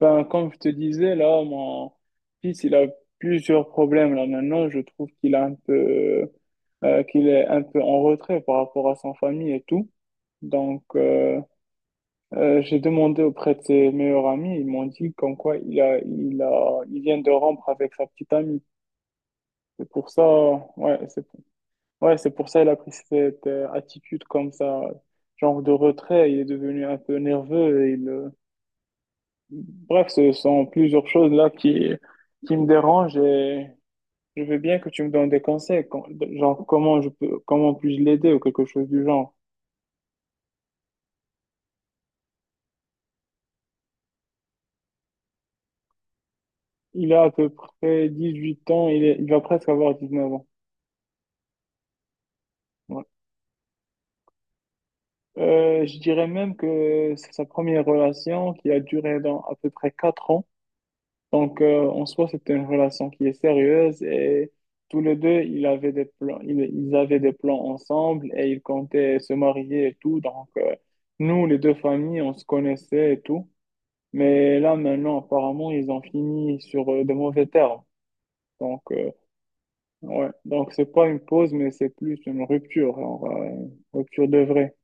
Ben, comme je te disais, là, mon fils, il a plusieurs problèmes là maintenant. Je trouve qu'il a un peu, qu'il est un peu en retrait par rapport à sa famille et tout. Donc, euh, j'ai demandé auprès de ses meilleurs amis. Ils m'ont dit comme quoi il vient de rompre avec sa petite amie. C'est pour ça, ouais, ouais, c'est pour ça il a pris cette attitude comme ça, genre de retrait. Il est devenu un peu nerveux Bref, ce sont plusieurs choses là qui me dérangent, et je veux bien que tu me donnes des conseils, genre comment puis-je l'aider ou quelque chose du genre. Il a à peu près 18 ans, il va presque avoir 19 ans. Ouais. Je dirais même que c'est sa première relation qui a duré dans à peu près 4. Donc, en soi, c'était une relation qui est sérieuse, et tous les deux, ils avaient des plans, ils avaient des plans ensemble et ils comptaient se marier et tout. Donc, nous, les deux familles, on se connaissait et tout. Mais là, maintenant, apparemment, ils ont fini sur de mauvais termes. Donc, euh, ouais. Donc, c'est pas une pause, mais c'est plus une rupture, genre, une rupture de vrai.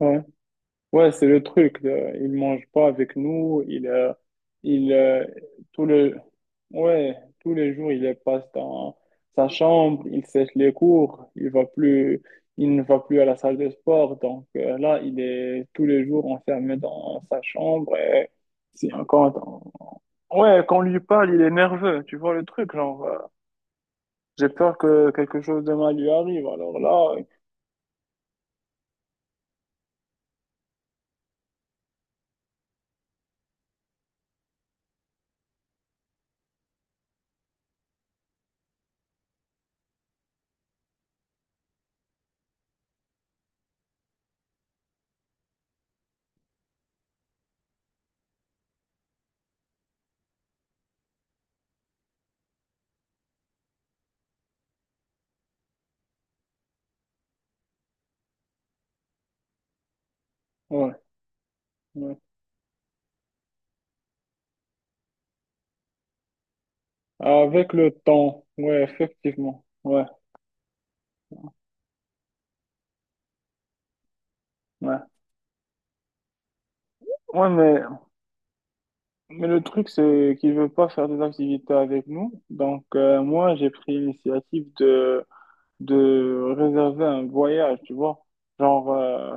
Ouais, ouais, c'est le truc. Il mange pas avec nous. Il, euh, tout le, Ouais, tous les jours, il est passe dans sa chambre, il sèche les cours, il ne va plus à la salle de sport. Donc là, il est tous les jours enfermé dans sa chambre. Et c'est encore... Ouais, quand on lui parle, il est nerveux. Tu vois le truc, genre, j'ai peur que quelque chose de mal lui arrive. Alors là, ouais, ouais. Avec le temps, ouais, effectivement. Ouais, ouais. Ouais, mais le truc, c'est qu'il veut pas faire des activités avec nous. Donc, moi, j'ai pris l'initiative de réserver un voyage, tu vois. Genre,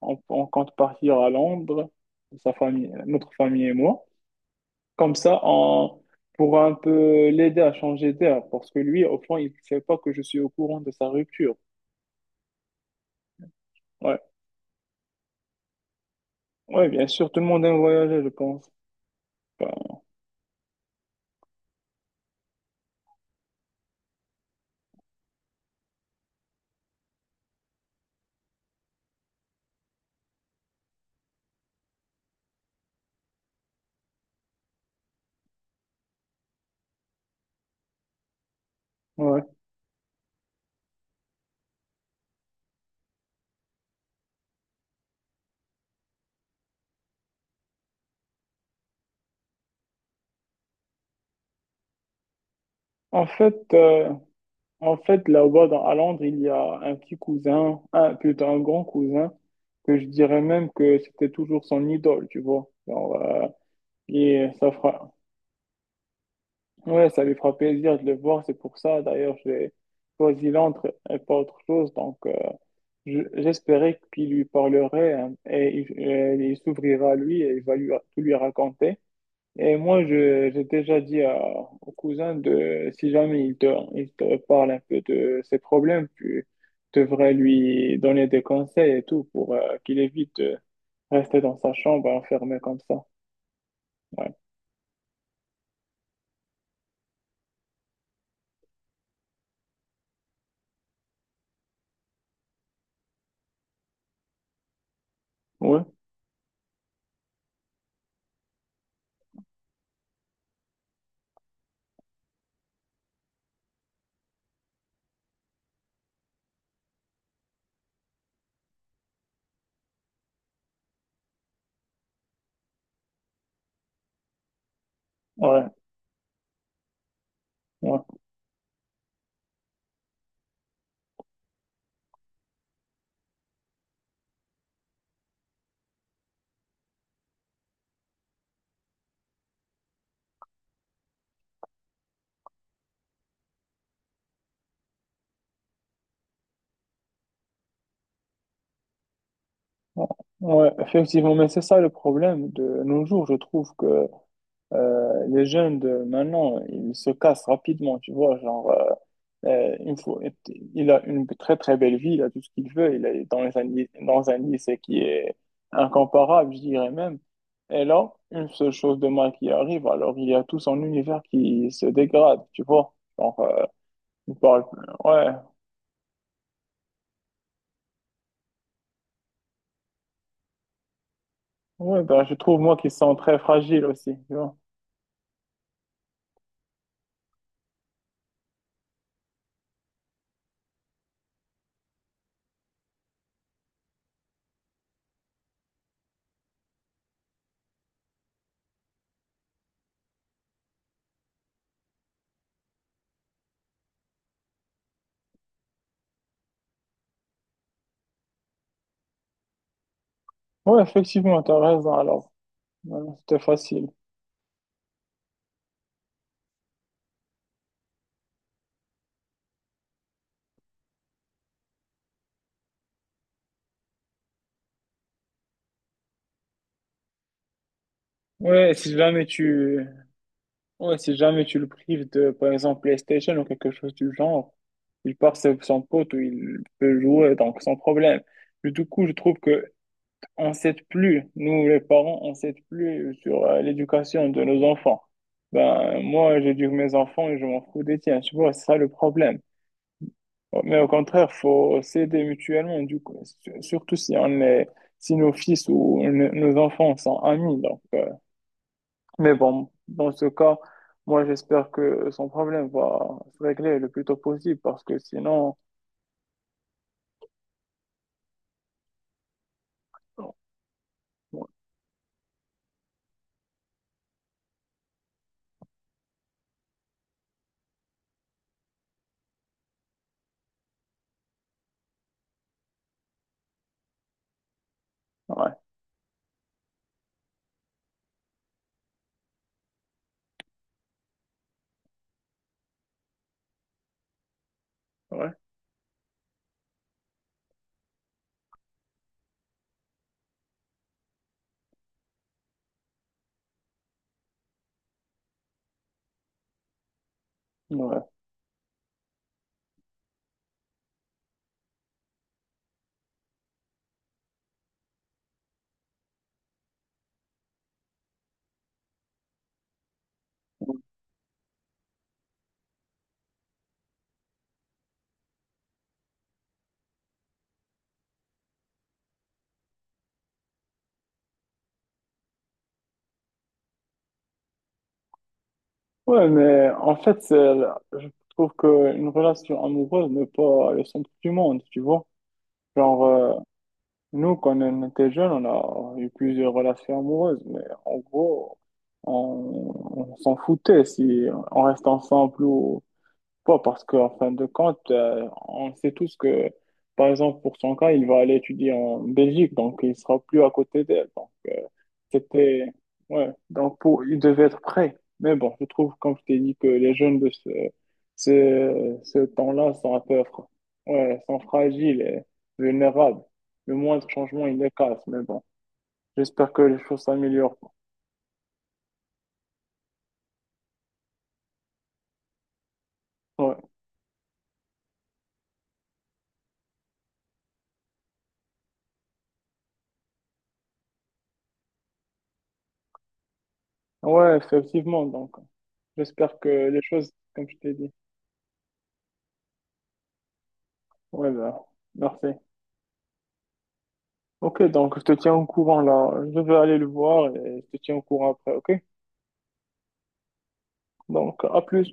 on compte partir à Londres, sa famille, notre famille et moi. Comme ça, on pourra un peu l'aider à changer d'air. Parce que lui, au fond, il ne sait pas que je suis au courant de sa rupture. Ouais, ouais, bien sûr, tout le monde aime voyager, je pense. Enfin, ouais. En fait, euh, En fait, là-bas, à Londres, il y a un petit cousin, plutôt un grand cousin, que je dirais même que c'était toujours son idole, tu vois. Genre, et ça fera... Ouais, ça lui fera plaisir de le voir, c'est pour ça d'ailleurs j'ai choisi Londres et pas autre chose. Donc, j'espérais qu'il lui parlerait hein, et il s'ouvrira à lui et il va lui, tout lui raconter. Et moi, j'ai déjà dit à, au cousin de, si jamais il te parle un peu de ses problèmes, tu devrais lui donner des conseils et tout pour qu'il évite de rester dans sa chambre enfermé comme ça. Ouais, ouais, ouais, ouais. Ouais. Ouais, effectivement, mais c'est ça le problème de nos jours. Je trouve que les jeunes de maintenant, ils se cassent rapidement, tu vois. Genre, il faut, il a une très très belle vie, il a tout ce qu'il veut, il est dans un, dans un lycée qui est incomparable, je dirais même. Et là, une seule chose de mal qui arrive, alors il y a tout son univers qui se dégrade, tu vois. Genre, il parle, ouais, ouais, ben, je trouve moi qu'ils sont très fragiles aussi, tu vois. Ouais, effectivement, t'as raison, alors, ouais, c'était facile. Ouais, si jamais tu, Ouais, si jamais tu le prives de, par exemple, PlayStation ou quelque chose du genre, il part avec son pote ou il peut jouer, donc sans problème. Mais du coup, je trouve que on s'aide plus, nous les parents, on s'aide plus sur l'éducation de nos enfants. Ben, moi, j'éduque mes enfants et je m'en fous des tiens, tu vois, c'est ça le problème. Mais au contraire, faut s'aider mutuellement, du coup, surtout si on est, si nos fils ou nos enfants sont amis, donc. Mais bon, dans ce cas, moi, j'espère que son problème va se régler le plus tôt possible parce que sinon, ouais, ouais, ouais. Ouais, ouais, mais en fait, je trouve qu'une relation amoureuse n'est pas le centre du monde, tu vois. Genre, nous, quand on était jeunes, on a eu plusieurs relations amoureuses, mais en gros, on, on s'en foutait si on reste ensemble ou pourquoi? Parce qu'en fin de compte, on sait tous que, par exemple, pour son cas, il va aller étudier en Belgique, donc il sera plus à côté d'elle. Donc, c'était. Ouais, donc pour... il devait être prêt. Mais bon, je trouve, comme je t'ai dit, que les jeunes de ce temps-là sont un peu. Ouais, sont fragiles et vulnérables. Le moindre changement, il les casse. Mais bon, j'espère que les choses s'améliorent. Ouais. Ouais, effectivement. Donc, j'espère que les choses, comme je t'ai dit. Ouais, bah, merci. Ok, donc je te tiens au courant là. Je vais aller le voir et je te tiens au courant après, ok? Donc, à plus.